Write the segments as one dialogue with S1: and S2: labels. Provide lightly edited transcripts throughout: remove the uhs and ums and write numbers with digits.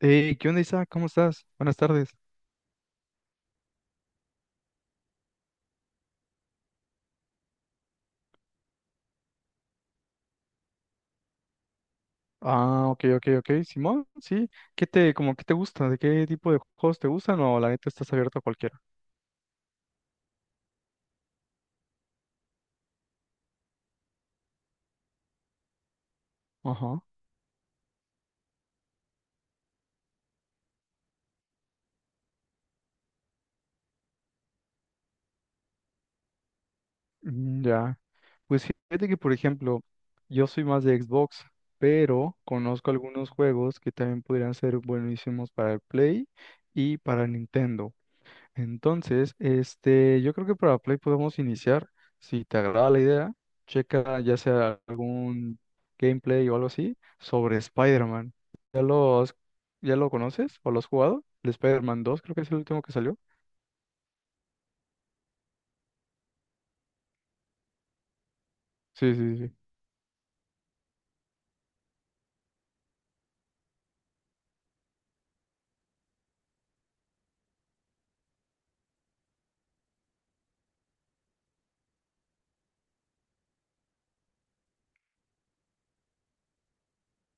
S1: Hey, ¿qué onda, Isa? ¿Cómo estás? Buenas tardes. Ah, ok, ok, ok. Simón, sí. ¿Qué te, como, qué te gusta? ¿De qué tipo de juegos te gustan? O la neta estás abierto a cualquiera. Ajá. Ya. Pues fíjate que, por ejemplo, yo soy más de Xbox, pero conozco algunos juegos que también podrían ser buenísimos para el Play y para Nintendo. Entonces, yo creo que para Play podemos iniciar. Si te agrada la idea, checa ya sea algún gameplay o algo así sobre Spider-Man. ¿Ya lo has- ¿Ya lo conoces o lo has jugado? El Spider-Man 2 creo que es el último que salió. Sí, sí, sí.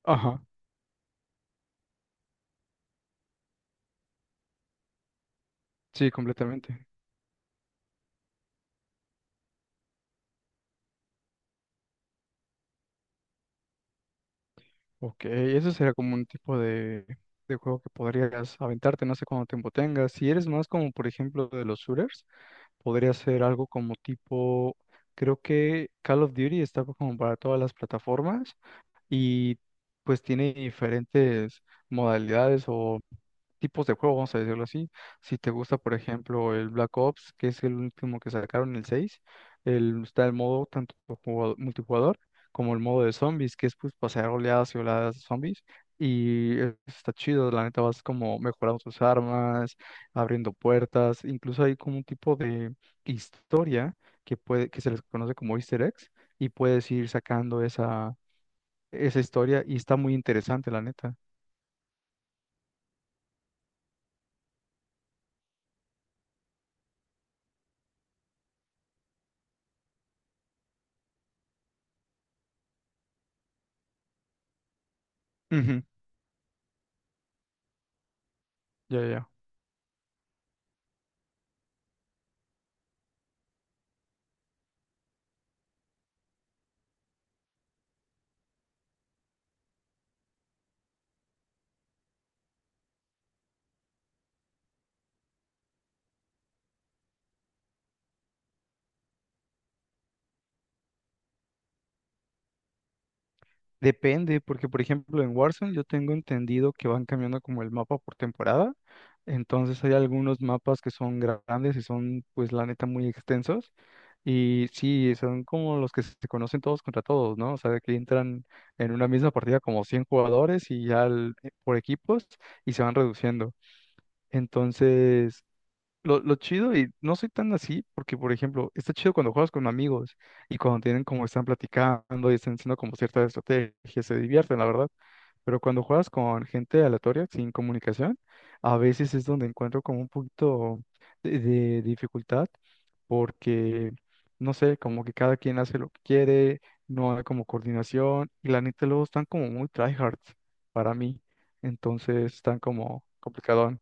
S1: Ajá, sí, completamente. Ok, eso será como un tipo de juego que podrías aventarte, no sé cuánto tiempo tengas. Si eres más como, por ejemplo, de los shooters, podría ser algo como tipo, creo que Call of Duty está como para todas las plataformas y pues tiene diferentes modalidades o tipos de juego, vamos a decirlo así. Si te gusta, por ejemplo, el Black Ops, que es el último que sacaron, el 6 el, está el modo tanto multijugador como el modo de zombies, que es pues pasar oleadas y oleadas de zombies. Y está chido, la neta vas como mejorando tus armas, abriendo puertas, incluso hay como un tipo de historia que puede, que se les conoce como Easter eggs, y puedes ir sacando esa, esa historia, y está muy interesante, la neta. Ujú. Ya, ya. Depende, porque por ejemplo en Warzone yo tengo entendido que van cambiando como el mapa por temporada, entonces hay algunos mapas que son grandes y son pues la neta muy extensos y sí, son como los que se conocen todos contra todos, ¿no? O sea, que entran en una misma partida como 100 jugadores y ya por equipos y se van reduciendo. Entonces, lo chido, y no soy tan así, porque, por ejemplo, está chido cuando juegas con amigos y cuando tienen como están platicando y están haciendo como ciertas estrategias, se divierten, la verdad. Pero cuando juegas con gente aleatoria, sin comunicación, a veces es donde encuentro como un poquito de dificultad, porque, no sé, como que cada quien hace lo que quiere, no hay como coordinación, y la neta luego están como muy tryhards para mí, entonces están como complicadón.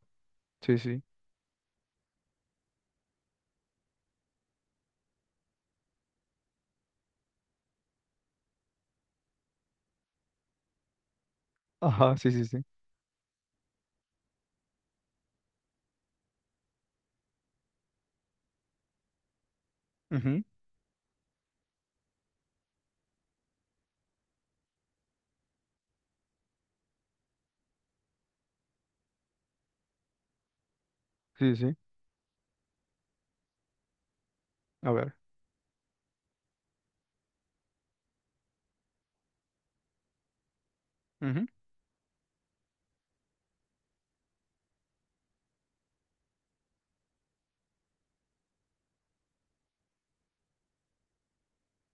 S1: Sí, sí. Ajá, sí, sí, sí. Ujú. Sí, sí. Sí. A ver. Ujú.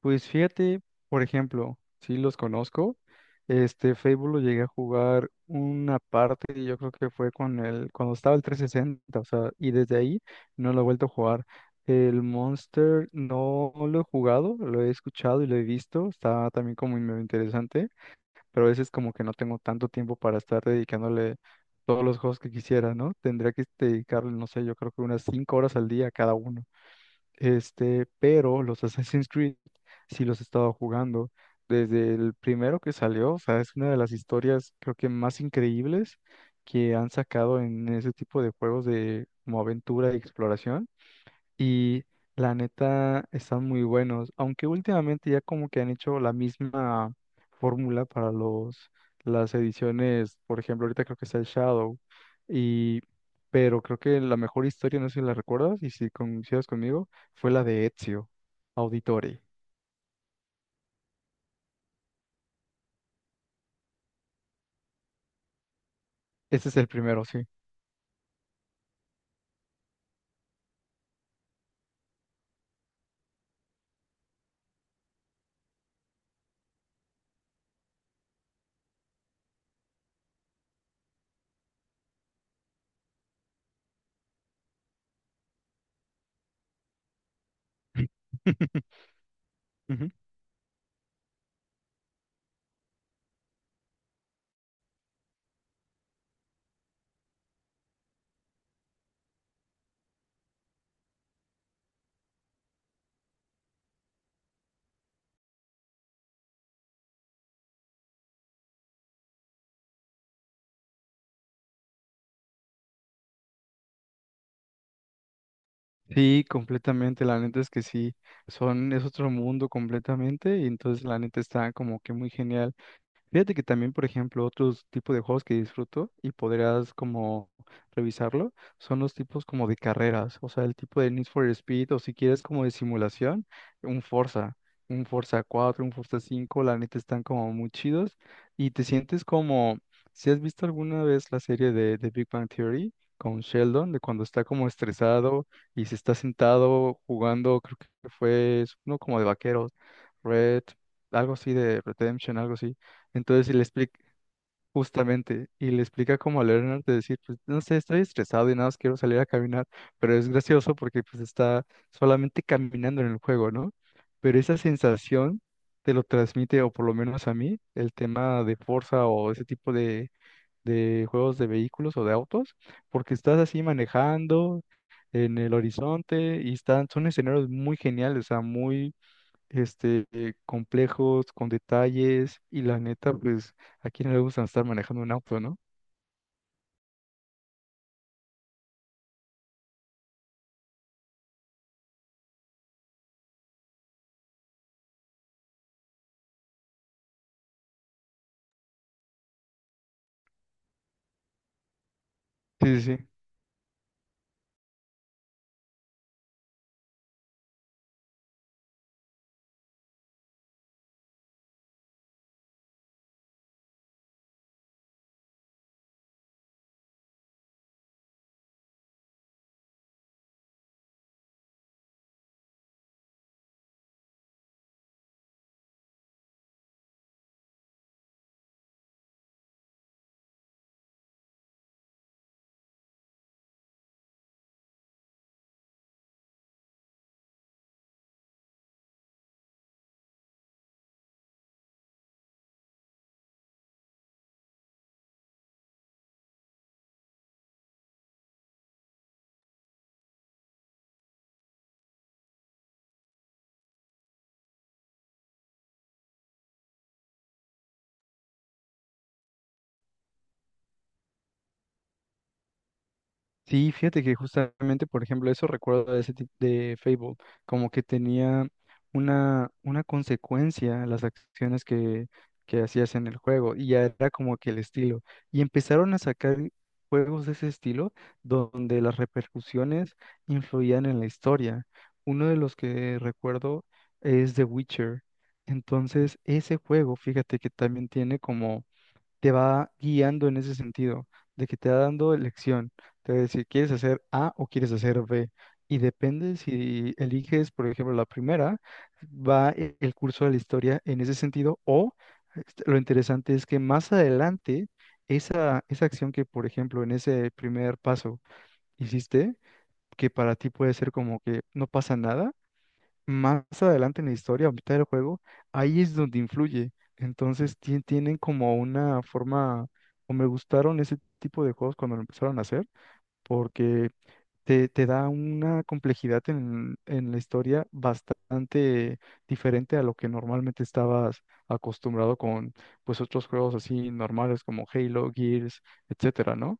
S1: Pues fíjate, por ejemplo, sí los conozco. Este Fable lo llegué a jugar una parte, y yo creo que fue con el, cuando estaba el 360, o sea, y desde ahí no lo he vuelto a jugar. El Monster no lo he jugado, lo he escuchado y lo he visto. Está también como medio interesante, pero a veces como que no tengo tanto tiempo para estar dedicándole todos los juegos que quisiera, ¿no? Tendría que dedicarle, no sé, yo creo que unas 5 horas al día a cada uno. Pero los Assassin's Creed sí los he estado jugando desde el primero que salió, o sea, es una de las historias creo que más increíbles que han sacado en ese tipo de juegos de como aventura y exploración y la neta están muy buenos, aunque últimamente ya como que han hecho la misma fórmula para los las ediciones, por ejemplo, ahorita creo que está el Shadow y pero creo que la mejor historia, no sé si la recuerdas y si coincidas conmigo, fue la de Ezio Auditore. Ese es el primero, sí. Ujú. Sí, completamente, la neta es que sí, son, es otro mundo completamente y entonces la neta está como que muy genial. Fíjate que también, por ejemplo, otros tipos de juegos que disfruto y podrás como revisarlo, son los tipos como de carreras, o sea, el tipo de Need for Speed o si quieres como de simulación, un Forza, un Forza cuatro, un Forza cinco, la neta están como muy chidos y te sientes como, si has visto alguna vez la serie de Big Bang Theory con Sheldon, de cuando está como estresado y se está sentado jugando, creo que fue es uno como de vaqueros, Red, algo así de Redemption, algo así entonces, si le explica, justamente, y le explica como a Leonard de decir, pues, no sé, estoy estresado y nada más quiero salir a caminar, pero es gracioso porque pues está solamente caminando en el juego, ¿no? Pero esa sensación te lo transmite, o por lo menos a mí, el tema de Forza o ese tipo de juegos de vehículos o de autos, porque estás así manejando en el horizonte y están, son escenarios muy geniales, o sea, muy complejos, con detalles, y la neta, pues, ¿a quién no le gusta estar manejando un auto, no? Sí, sí, sí. Sí, fíjate que justamente, por ejemplo, eso recuerdo de ese tipo de Fable, como que tenía una consecuencia a las acciones que hacías en el juego, y ya era como que el estilo. Y empezaron a sacar juegos de ese estilo donde las repercusiones influían en la historia. Uno de los que recuerdo es The Witcher. Entonces, ese juego, fíjate que también tiene como te va guiando en ese sentido, de que te va dando elección, te va a decir, ¿quieres hacer A o quieres hacer B? Y depende si eliges, por ejemplo, la primera, el curso de la historia en ese sentido, o lo interesante es que más adelante, esa acción que, por ejemplo, en ese primer paso hiciste, que para ti puede ser como que no pasa nada, más adelante en la historia, a mitad del juego, ahí es donde influye. Tienen como una forma, o me gustaron ese tipo de juegos cuando lo empezaron a hacer, porque te da una complejidad en la historia bastante diferente a lo que normalmente estabas acostumbrado con pues otros juegos así normales como Halo, Gears, etcétera, ¿no?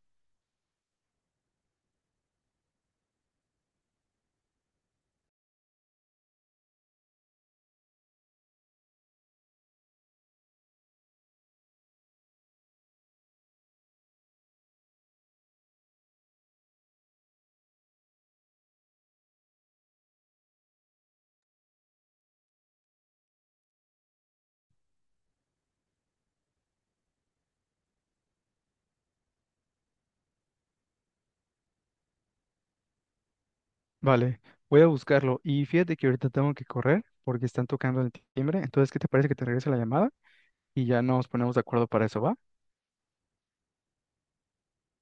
S1: Vale, voy a buscarlo. Y fíjate que ahorita tengo que correr porque están tocando el timbre. Entonces, ¿qué te parece que te regrese la llamada? Y ya nos ponemos de acuerdo para eso, ¿va?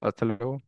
S1: Hasta luego.